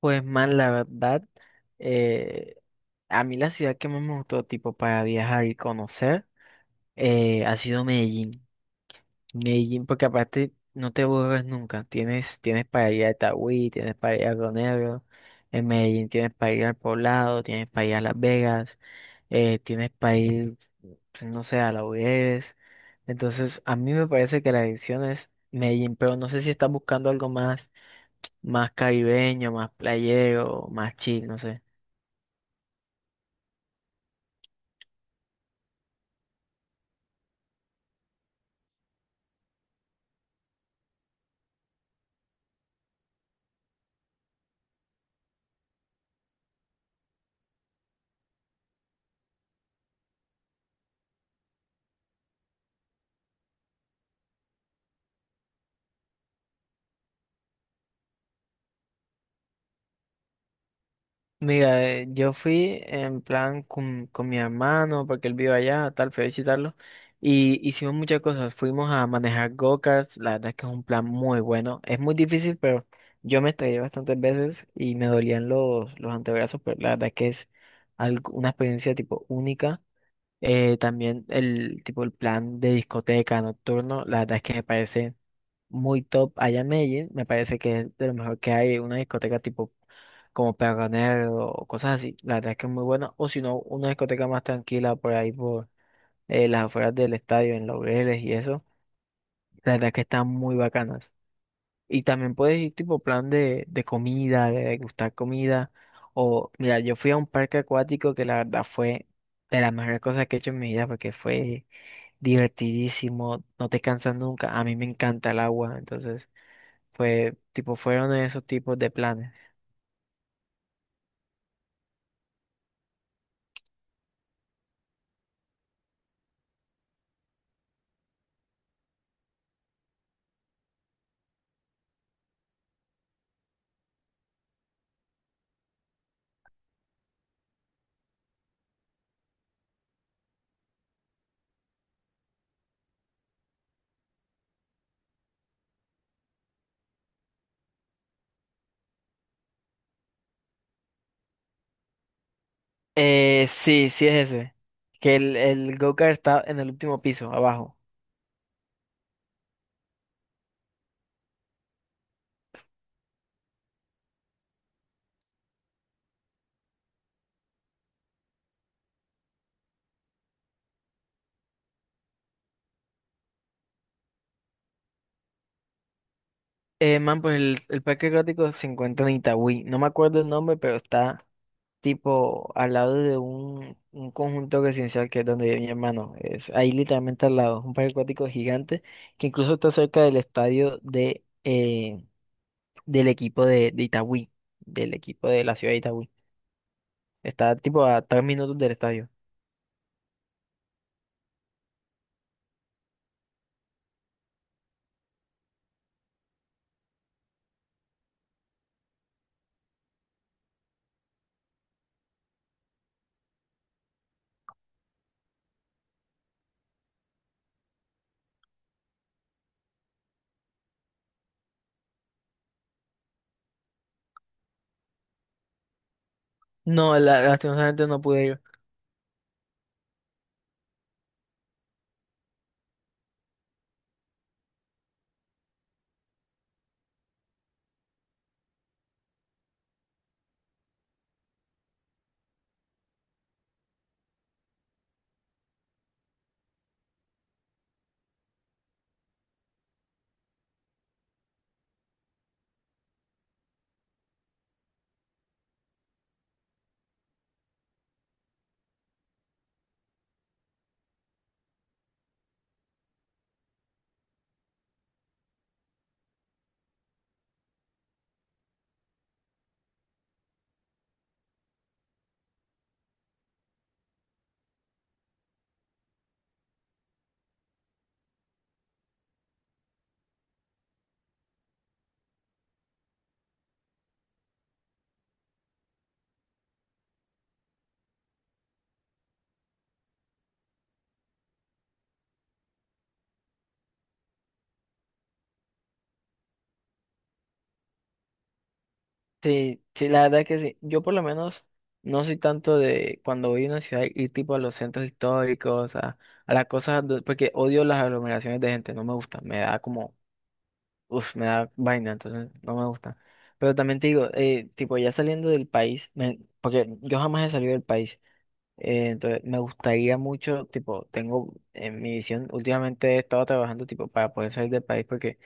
Pues man, la verdad, eh, a mí la ciudad que más me gustó tipo para viajar y conocer ha sido Medellín. Medellín, porque aparte no te aburres nunca. Tienes para ir a Itagüí, tienes para ir a Río Negro, en Medellín tienes para ir al Poblado, tienes para ir a Las Vegas, tienes para ir, pues, no sé, a Laureles. Entonces, a mí me parece que la dirección es Medellín, pero no sé si estás buscando algo más, más caribeño, más playero, más chill, no sé. Mira, yo fui en plan con mi hermano, porque él vive allá, tal, fui a visitarlo, y hicimos muchas cosas. Fuimos a manejar go-karts, la verdad es que es un plan muy bueno. Es muy difícil, pero yo me estrellé bastantes veces y me dolían los antebrazos, pero la verdad es que es una experiencia tipo única. También el tipo el plan de discoteca nocturno, la verdad es que me parece muy top allá en Medellín. Me parece que es de lo mejor que hay una discoteca tipo como Perronero o cosas así. La verdad es que es muy buena. O si no, una discoteca más tranquila por ahí por las afueras del estadio, en Laureles y eso. La verdad es que están muy bacanas. Y también puedes ir tipo plan de comida, de degustar comida. O mira, yo fui a un parque acuático que la verdad fue de las mejores cosas que he hecho en mi vida porque fue divertidísimo, no te cansas nunca. A mí me encanta el agua, entonces... Fue, tipo, fueron esos tipos de planes. Sí, sí es ese. Que el go-kart está en el último piso, abajo. Man, pues el parque acuático se encuentra en Itagüí. No me acuerdo el nombre, pero está tipo al lado de un conjunto residencial que es donde vive mi hermano. Es ahí literalmente al lado. Un parque acuático gigante que incluso está cerca del estadio de, del equipo de Itagüí. Del equipo de la ciudad de Itagüí. Está tipo a 3 minutos del estadio. No, lastimosamente no pude ir. Sí, sí, la verdad que sí. Yo por lo menos no soy tanto de cuando voy a una ciudad ir tipo a los centros históricos, a las cosas, porque odio las aglomeraciones de gente, no me gusta, me da como, uff, me da vaina, entonces no me gusta. Pero también te digo, tipo ya saliendo del país, porque yo jamás he salido del país, entonces me gustaría mucho, tipo, tengo en mi visión, últimamente he estado trabajando tipo para poder salir del país porque...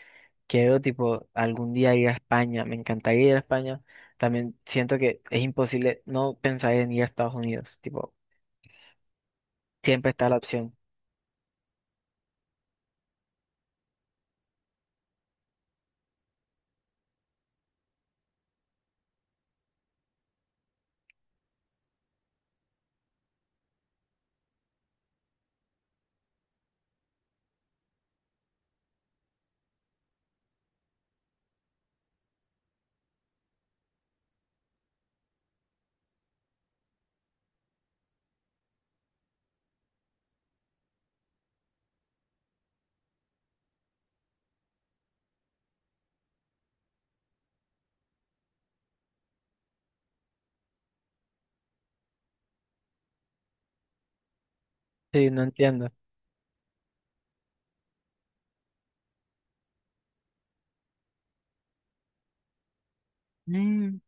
Quiero, tipo, algún día ir a España. Me encantaría ir a España. También siento que es imposible no pensar en ir a Estados Unidos. Tipo, siempre está la opción. Sí, no entiendo. Mm.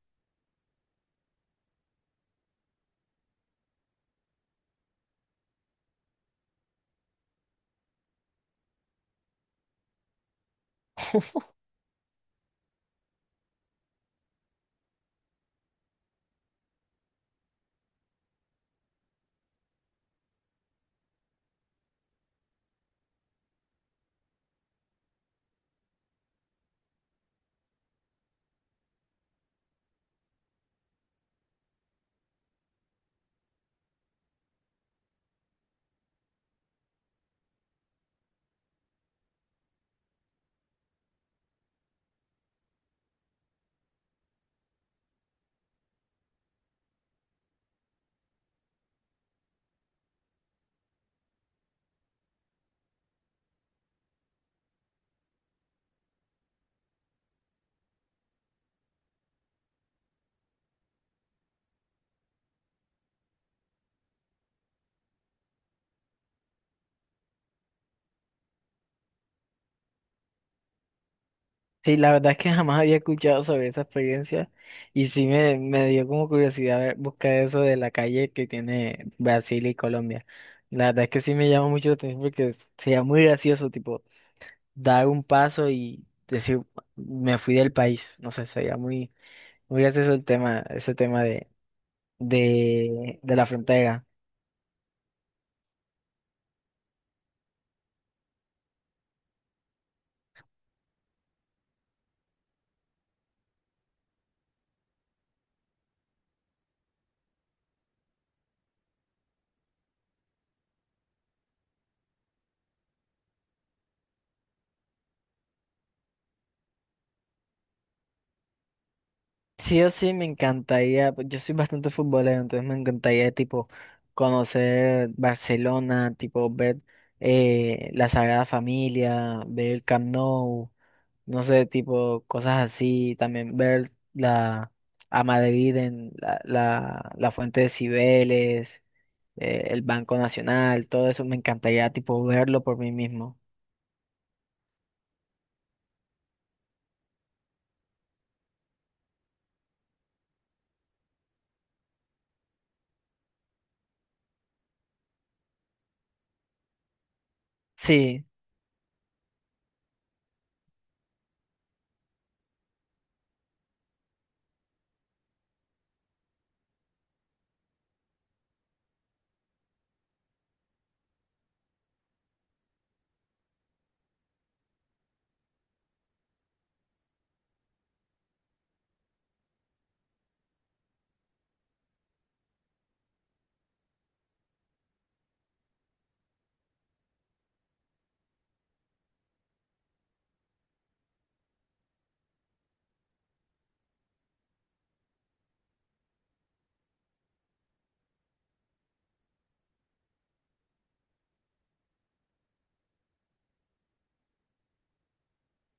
Sí, la verdad es que jamás había escuchado sobre esa experiencia y sí me dio como curiosidad buscar eso de la calle que tiene Brasil y Colombia. La verdad es que sí me llama mucho la atención porque sería muy gracioso, tipo, dar un paso y decir, me fui del país. No sé, sería muy, muy gracioso el tema, ese tema de de la frontera. Sí o sí me encantaría, pues, yo soy bastante futbolero, entonces me encantaría tipo conocer Barcelona, tipo ver la Sagrada Familia, ver el Camp Nou, no sé, tipo cosas así, también ver la a Madrid en la Fuente de Cibeles, el Banco Nacional, todo eso me encantaría tipo verlo por mí mismo. Sí.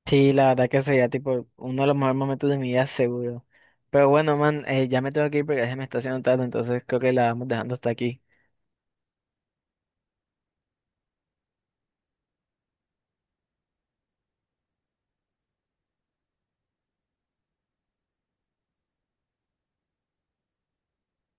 Sí, la verdad que sería tipo uno de los mejores momentos de mi vida seguro. Pero bueno, man, ya me tengo que ir porque ya se me está haciendo tarde, entonces creo que la vamos dejando hasta aquí.